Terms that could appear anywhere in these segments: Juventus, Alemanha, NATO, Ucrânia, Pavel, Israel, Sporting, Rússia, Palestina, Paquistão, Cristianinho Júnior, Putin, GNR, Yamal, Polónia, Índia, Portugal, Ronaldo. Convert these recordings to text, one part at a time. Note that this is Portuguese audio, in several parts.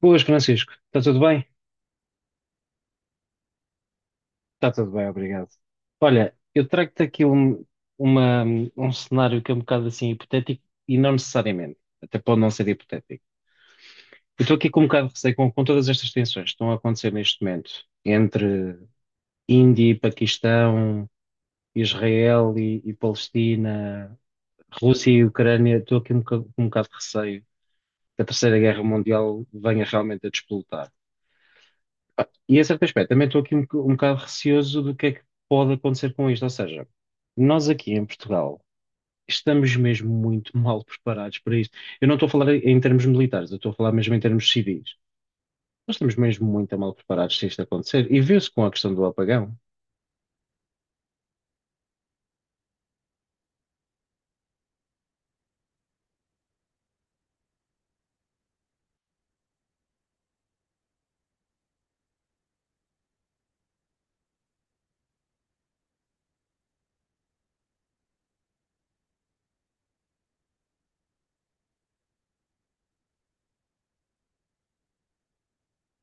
Boas, Francisco. Está tudo bem? Está tudo bem, obrigado. Olha, eu trago-te aqui uma- um cenário que é um bocado assim hipotético e não necessariamente, até pode não ser hipotético. Eu estou aqui com um bocado de receio com todas estas tensões que estão a acontecer neste momento entre Índia e Paquistão, Israel e Palestina, Rússia e Ucrânia. Estou aqui com um bocado de receio que a Terceira Guerra Mundial venha realmente a despoletar. E a certo aspecto, também estou aqui um bocado receoso do que é que pode acontecer com isto. Ou seja, nós aqui em Portugal estamos mesmo muito mal preparados para isto. Eu não estou a falar em termos militares, eu estou a falar mesmo em termos civis. Nós estamos mesmo muito mal preparados se isto acontecer. E viu-se com a questão do apagão.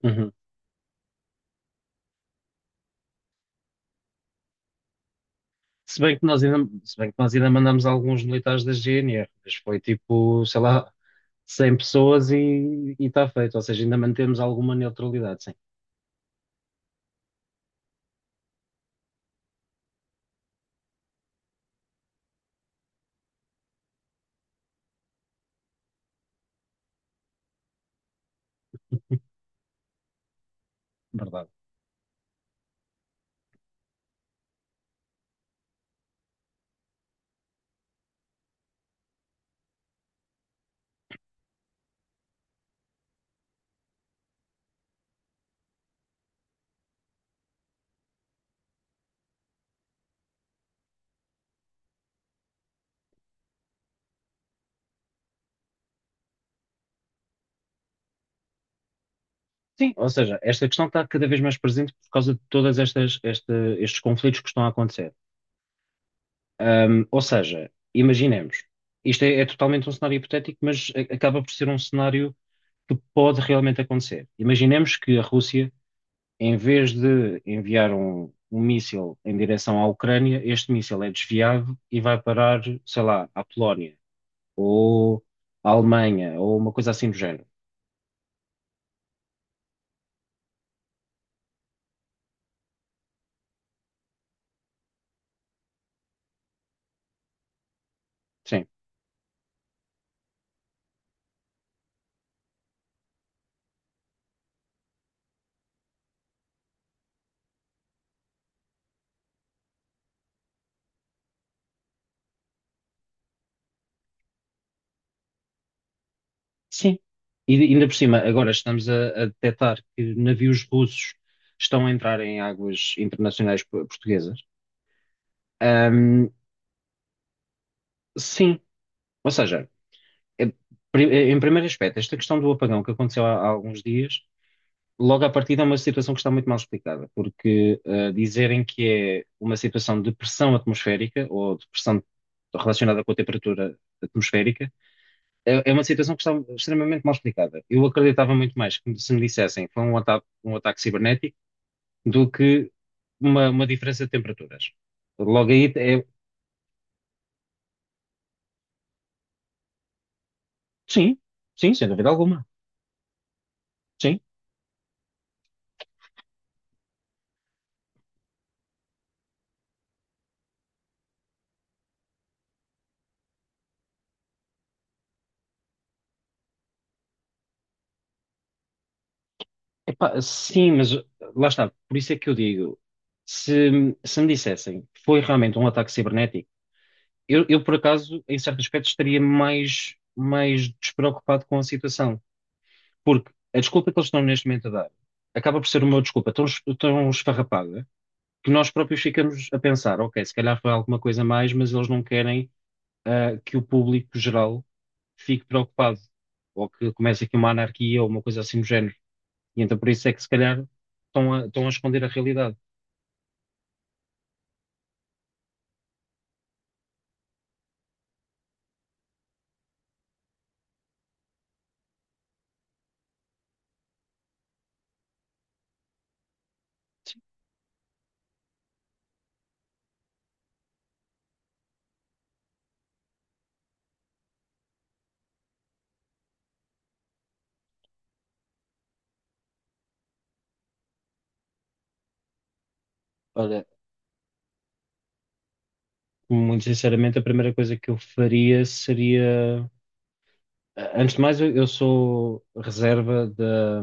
Uhum. Se bem que nós ainda, Se bem que nós ainda mandamos alguns militares da GNR, mas foi tipo, sei lá, 100 pessoas e está feito. Ou seja, ainda mantemos alguma neutralidade, sim, verdade. Sim, ou seja, esta questão está cada vez mais presente por causa de todas estes conflitos que estão a acontecer. Ou seja, imaginemos, isto é totalmente um cenário hipotético, mas acaba por ser um cenário que pode realmente acontecer. Imaginemos que a Rússia, em vez de enviar um míssil em direção à Ucrânia, este míssil é desviado e vai parar, sei lá, à Polónia ou à Alemanha ou uma coisa assim do género. Sim. Sim. E ainda por cima, agora estamos a detectar que navios russos estão a entrar em águas internacionais portuguesas. Ahm, sim, ou seja, é- em primeiro aspecto, esta questão do apagão que aconteceu há alguns dias, logo à partida é uma situação que está muito mal explicada, porque dizerem que é uma situação de pressão atmosférica ou de pressão relacionada com a temperatura atmosférica é uma situação que está extremamente mal explicada. Eu acreditava muito mais que se me dissessem que foi um ataque cibernético do que uma diferença de temperaturas. Logo aí, é, sim, sim, sem dúvida alguma. Sim, epá, sim, mas lá está. Por isso é que eu digo, se me dissessem que foi realmente um ataque cibernético, eu por acaso, em certo aspecto, estaria mais despreocupado com a situação. Porque a desculpa que eles estão neste momento a dar acaba por ser uma desculpa tão esfarrapada que nós próprios ficamos a pensar, ok, se calhar foi alguma coisa mais, mas eles não querem que o público geral fique preocupado ou que comece aqui uma anarquia ou uma coisa assim do género. E então por isso é que se calhar estão a esconder a realidade. Olha, muito sinceramente, a primeira coisa que eu faria seria, antes de mais, eu sou reserva da,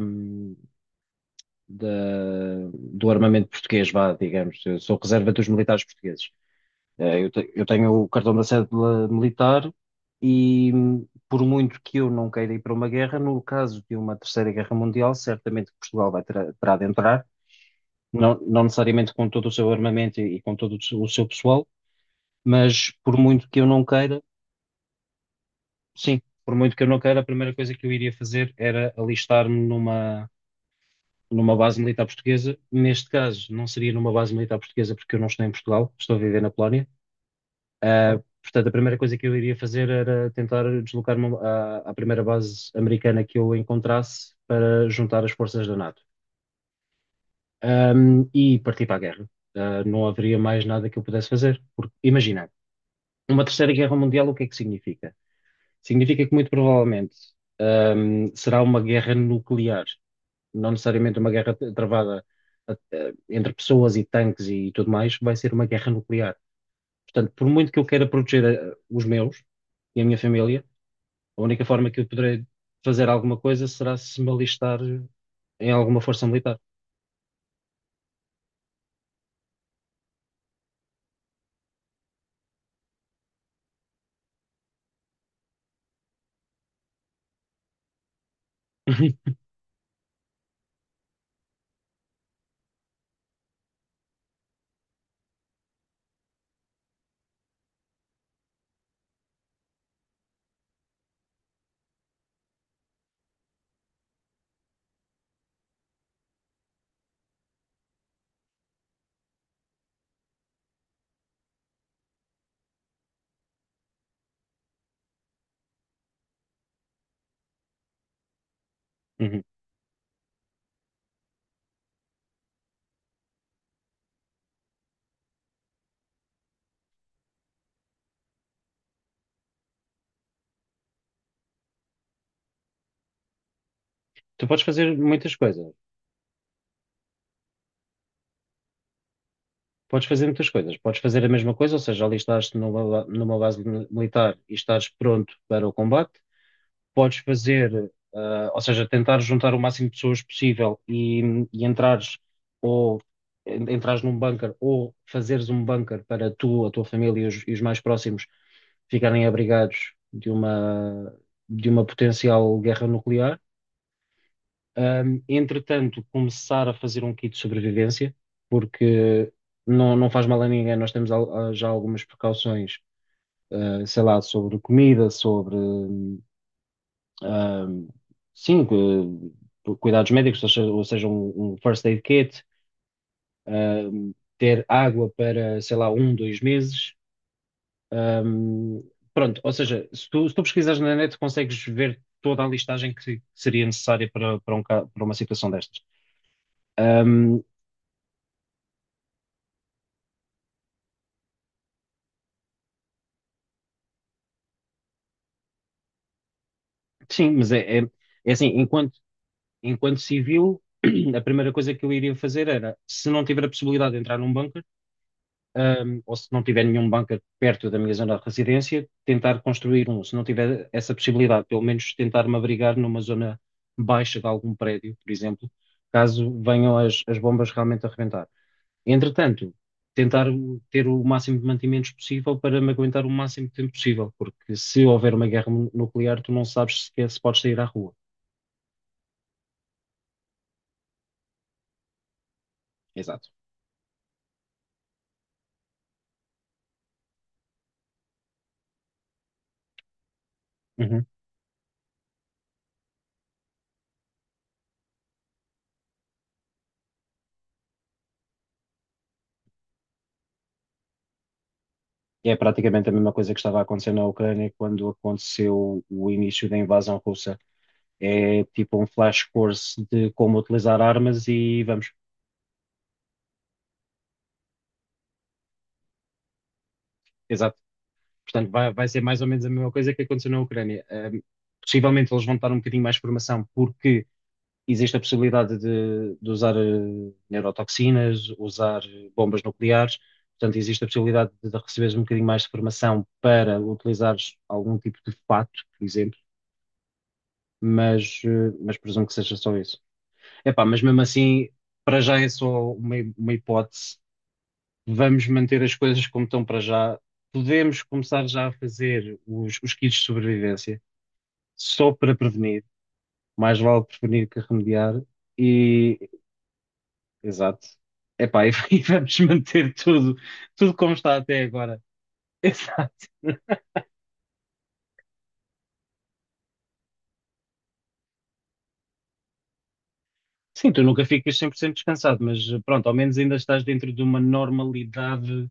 da- do armamento português, vá, digamos. Eu sou reserva dos militares portugueses. Eu tenho o cartão da cédula militar e, por muito que eu não queira ir para uma guerra, no caso de uma terceira guerra mundial, certamente que Portugal terá de entrar, não necessariamente com todo o seu armamento e com todo o seu pessoal, mas por muito que eu não queira, a primeira coisa que eu iria fazer era alistar-me numa, numa base militar portuguesa. Neste caso, não seria numa base militar portuguesa porque eu não estou em Portugal, estou a viver na Polónia. Portanto, a primeira coisa que eu iria fazer era tentar deslocar-me à primeira base americana que eu encontrasse para juntar as forças da NATO, e partir para a guerra. Não haveria mais nada que eu pudesse fazer. Porque, imagina, uma terceira guerra mundial, o que é que significa? Significa que muito provavelmente, será uma guerra nuclear, não necessariamente uma guerra travada, entre pessoas e tanques e tudo mais, vai ser uma guerra nuclear. Portanto, por muito que eu queira proteger os meus e a minha família. A única forma que eu poderei fazer alguma coisa será se me alistar em alguma força militar. Uhum. Tu podes fazer muitas coisas. Podes fazer muitas coisas. Podes fazer a mesma coisa, ou seja, alistar-te numa base militar e estares pronto para o combate. Podes fazer, ou seja, tentar juntar o máximo de pessoas possível e entrares ou entrares num bunker ou fazeres um bunker para tu, a tua família e os mais próximos ficarem abrigados de uma potencial guerra nuclear. Entretanto, começar a fazer um kit de sobrevivência, porque não faz mal a ninguém, nós temos já algumas precauções, sei lá, sobre comida, sobre. Ahm, sim, cuidados médicos, ou seja, um, um first aid kit, ahm, ter água para, sei lá, um, dois meses. Ahm, Pronto, ou seja, se tu, pesquisares na net, consegues ver toda a listagem que seria necessária para uma situação destas. Ahm, sim, mas é, é assim, enquanto civil, a primeira coisa que eu iria fazer era, se não tiver a possibilidade de entrar num banco, ou se não tiver nenhum bunker perto da minha zona de residência, tentar construir um. Se não tiver essa possibilidade, pelo menos tentar me abrigar numa zona baixa de algum prédio, por exemplo, caso venham as bombas realmente a reventar. Entretanto, tentar ter o máximo de mantimentos possível para me aguentar o máximo de tempo possível, porque se houver uma guerra nuclear, tu não sabes sequer se podes sair à rua. Exato. Uhum. É praticamente a mesma coisa que estava a acontecer na Ucrânia quando aconteceu o início da invasão russa. É tipo um flash course de como utilizar armas e vamos. Exato. Portanto, vai ser mais ou menos a mesma coisa que aconteceu na Ucrânia. Possivelmente eles vão dar um bocadinho mais de formação porque existe a possibilidade de usar neurotoxinas, usar bombas nucleares. Portanto, existe a possibilidade de receberes um bocadinho mais de formação para utilizares algum tipo de fato, por exemplo, mas presumo que seja só isso. Epá, mas mesmo assim, para já é só uma hipótese. Vamos manter as coisas como estão para já. Podemos começar já a fazer os kits de sobrevivência, só para prevenir. Mais vale prevenir que remediar. E, exato. Epá, e, e vamos manter tudo como está até agora. Exato. Sim, tu nunca ficas 100% descansado, mas pronto, ao menos ainda estás dentro de uma normalidade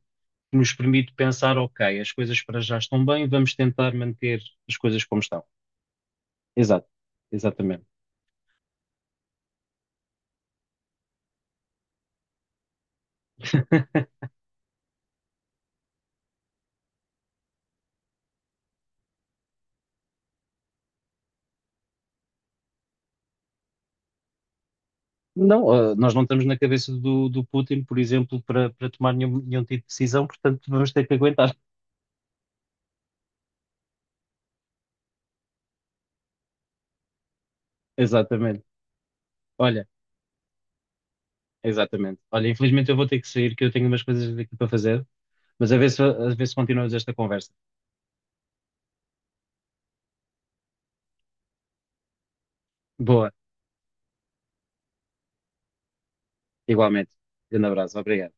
que nos permite pensar, ok, as coisas para já estão bem, vamos tentar manter as coisas como estão. Exato, exatamente. Não, nós não estamos na cabeça do Putin, por exemplo, para, tomar nenhum tipo de decisão, portanto vamos ter que aguentar. Exatamente. Olha, exatamente. Olha, infelizmente eu vou ter que sair, que eu tenho umas coisas aqui para fazer, mas a ver se continuamos esta conversa. Boa, igualmente. Grande abraço, obrigado.